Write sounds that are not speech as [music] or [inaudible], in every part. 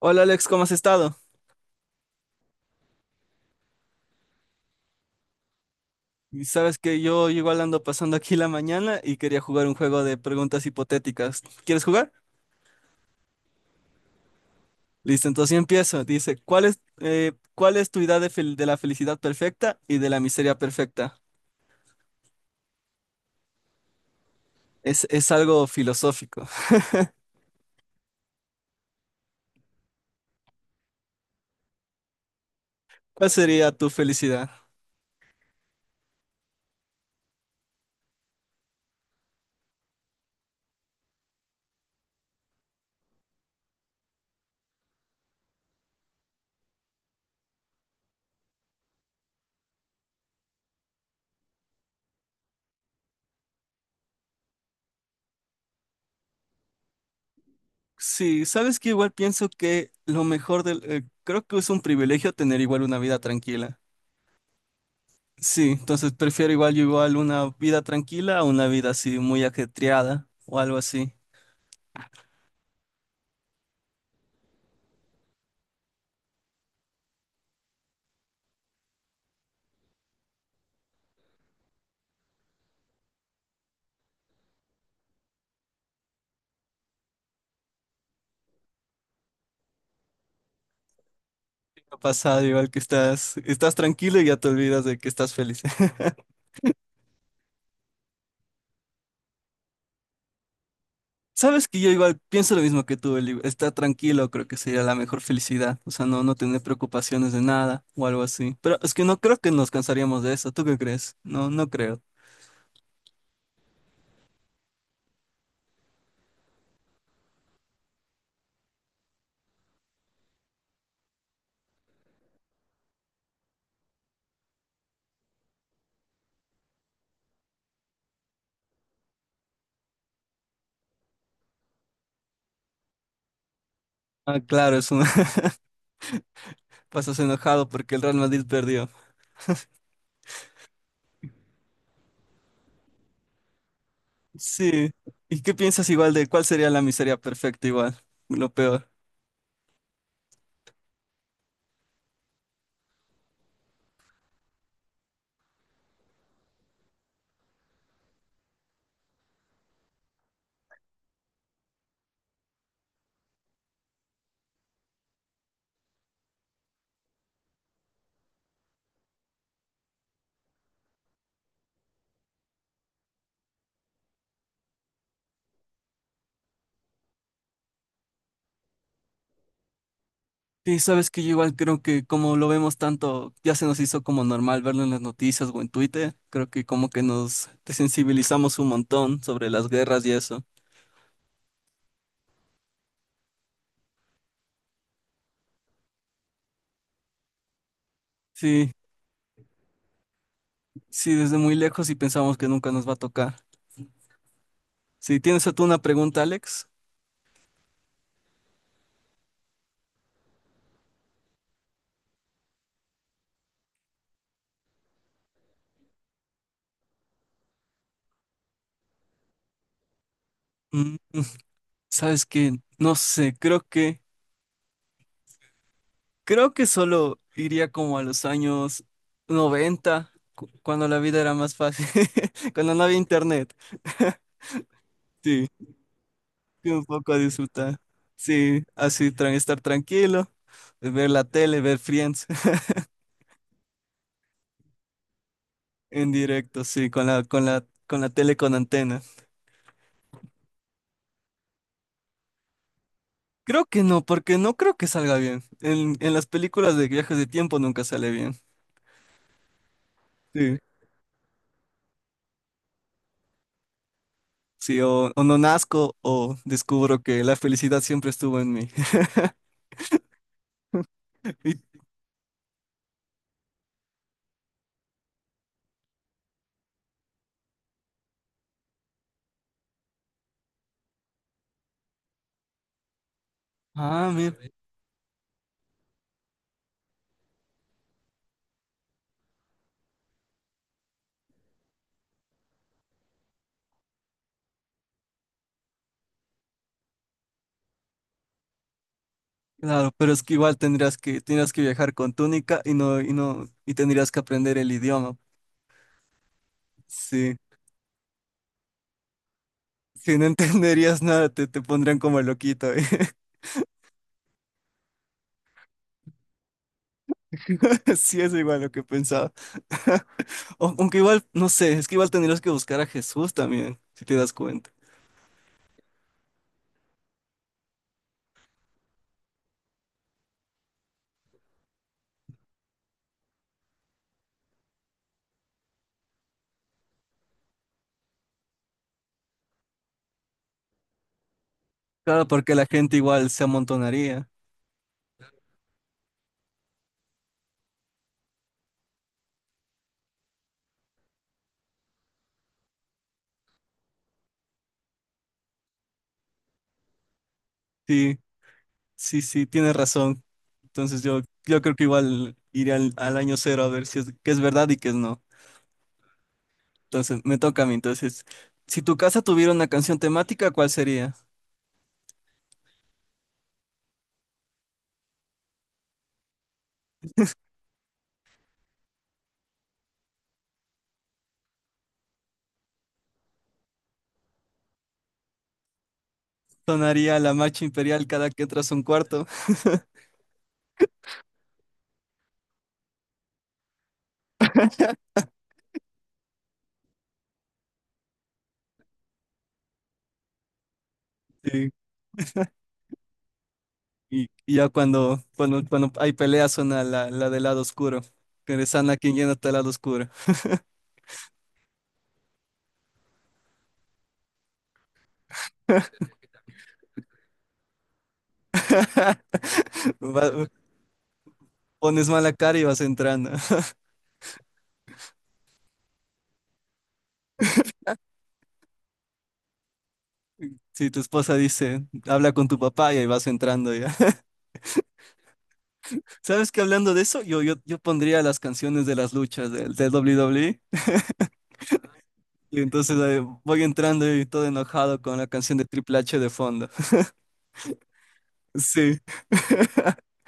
Hola Alex, ¿cómo has estado? Y sabes que yo igual ando pasando aquí la mañana y quería jugar un juego de preguntas hipotéticas. ¿Quieres jugar? Listo, entonces yo empiezo. Dice, cuál es tu idea de, de la felicidad perfecta y de la miseria perfecta? Es algo filosófico. [laughs] ¿Cuál sería tu felicidad? Sí, sabes que igual pienso que lo mejor del. Creo que es un privilegio tener igual una vida tranquila. Sí, entonces prefiero igual yo igual una vida tranquila a una vida así muy ajetreada o algo así. Ha pasado igual que estás, estás tranquilo y ya te olvidas de que estás feliz. [laughs] Sabes que yo igual pienso lo mismo que tú, Eli. Estar tranquilo creo que sería la mejor felicidad. O sea, no tener preocupaciones de nada o algo así. Pero es que no creo que nos cansaríamos de eso. ¿Tú qué crees? No, no creo. Ah, claro, es un... [laughs] pasas enojado porque el Real Madrid perdió. Sí. ¿Y qué piensas igual de cuál sería la miseria perfecta igual? Lo peor. Sí, sabes que yo igual creo que como lo vemos tanto, ya se nos hizo como normal verlo en las noticias o en Twitter, creo que como que nos desensibilizamos un montón sobre las guerras y eso. Sí, sí, desde muy lejos y pensamos que nunca nos va a tocar. Sí, tienes tú una pregunta, Alex. Mm, sabes que, no sé, creo que solo iría como a los años 90 cuando la vida era más fácil, [laughs] cuando no había internet. Sí, que un poco a disfrutar. Sí, así estar tranquilo, ver la tele, ver Friends [laughs] en directo, sí, con la, con la, con la tele con antena. Creo que no, porque no creo que salga bien. En las películas de viajes de tiempo nunca sale bien. Sí. Sí, o no nazco o descubro que la felicidad siempre estuvo en mí. [laughs] Y ah, mira, claro, pero es que igual tendrías que viajar con túnica y no, y no, y tendrías que aprender el idioma. Sí. Si no [laughs] entenderías nada, te pondrían como loquito, ¿eh? [laughs] Sí, es igual lo que pensaba. [laughs] O, aunque igual, no sé, es que igual tendrías que buscar a Jesús también, si te das cuenta. Claro, porque la gente igual se amontonaría. Sí, sí, sí, tienes razón. Entonces yo creo que igual iré al, al año cero a ver si es, qué es verdad y qué es no. Entonces me toca a mí. Entonces, si tu casa tuviera una canción temática, ¿cuál sería? Sonaría la marcha imperial cada que entras a un cuarto. [laughs] Y, y ya cuando, cuando, cuando hay peleas suena la, la del lado oscuro. Que eres Anakin yéndote al lado oscuro. [laughs] Va, pones mala cara y vas entrando. [laughs] Si tu esposa dice, habla con tu papá y ahí vas entrando ya. [laughs] ¿Sabes que hablando de eso? Yo pondría las canciones de las luchas del, del WWE. Y entonces voy entrando y todo enojado con la canción de Triple H de fondo. [laughs] Sí. [laughs]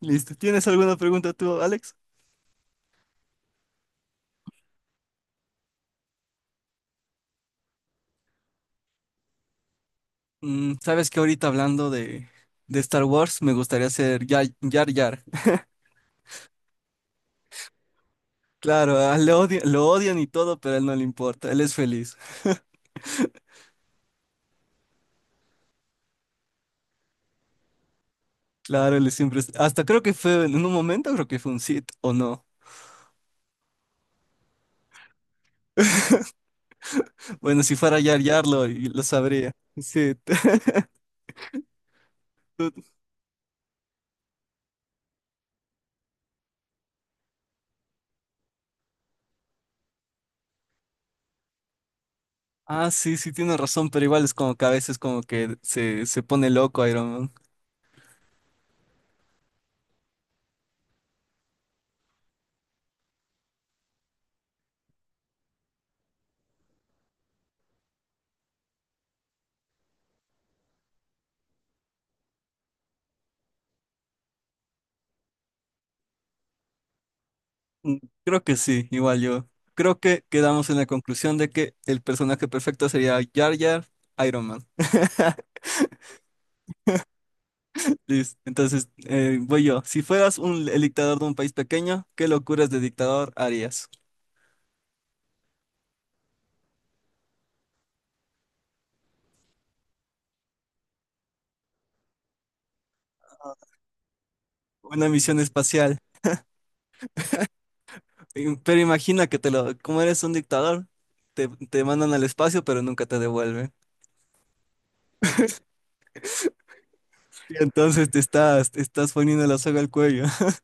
Listo. ¿Tienes alguna pregunta tú, Alex? Sabes que ahorita hablando de Star Wars, me gustaría ser Yar Yar. Yar. [laughs] Claro, ah, lo odian y todo, pero a él no le importa, él es feliz. Claro, él siempre es hasta creo que fue, en un momento creo que fue un Sith, ¿o no? Bueno, si fuera Yar Yar lo sabría. Sí. [laughs] Tú, ah, sí, sí, tiene razón, pero igual es como que a veces como que se pone loco Iron Man. Mm, Creo que sí, igual yo. Creo que quedamos en la conclusión de que el personaje perfecto sería Yar Yar Iron Man. [laughs] Listo. Entonces, voy yo. Si fueras un, el dictador de un país pequeño, ¿qué locuras de dictador harías? Una misión espacial. Pero imagina que te lo, como eres un dictador, te mandan al espacio, pero nunca te devuelven. Y entonces te estás poniendo la soga al cuello. [laughs]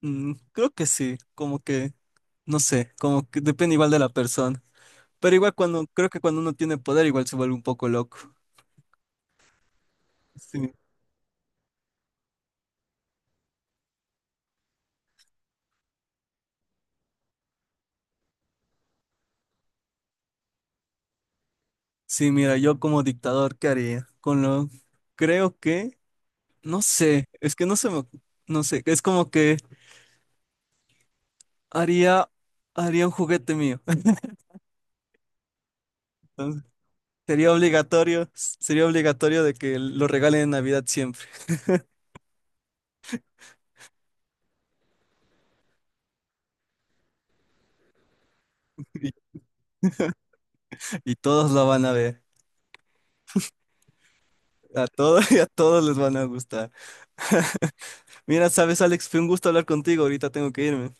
Creo que sí, como que, no sé, como que depende igual de la persona. Pero igual cuando, creo que cuando uno tiene poder, igual se vuelve un poco loco. Sí, sí, mira, yo como dictador, ¿qué haría? Con lo, creo que no sé, es que no se me, no sé, es como que haría, haría un juguete mío. [laughs] Entonces, sería obligatorio de que lo regalen en Navidad siempre. [laughs] Y, y todos lo van a ver. A todos [laughs] y a todos les van a gustar. [laughs] Mira, sabes, Alex, fue un gusto hablar contigo. Ahorita tengo que irme.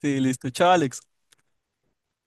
Sí, listo. Chao, Alex.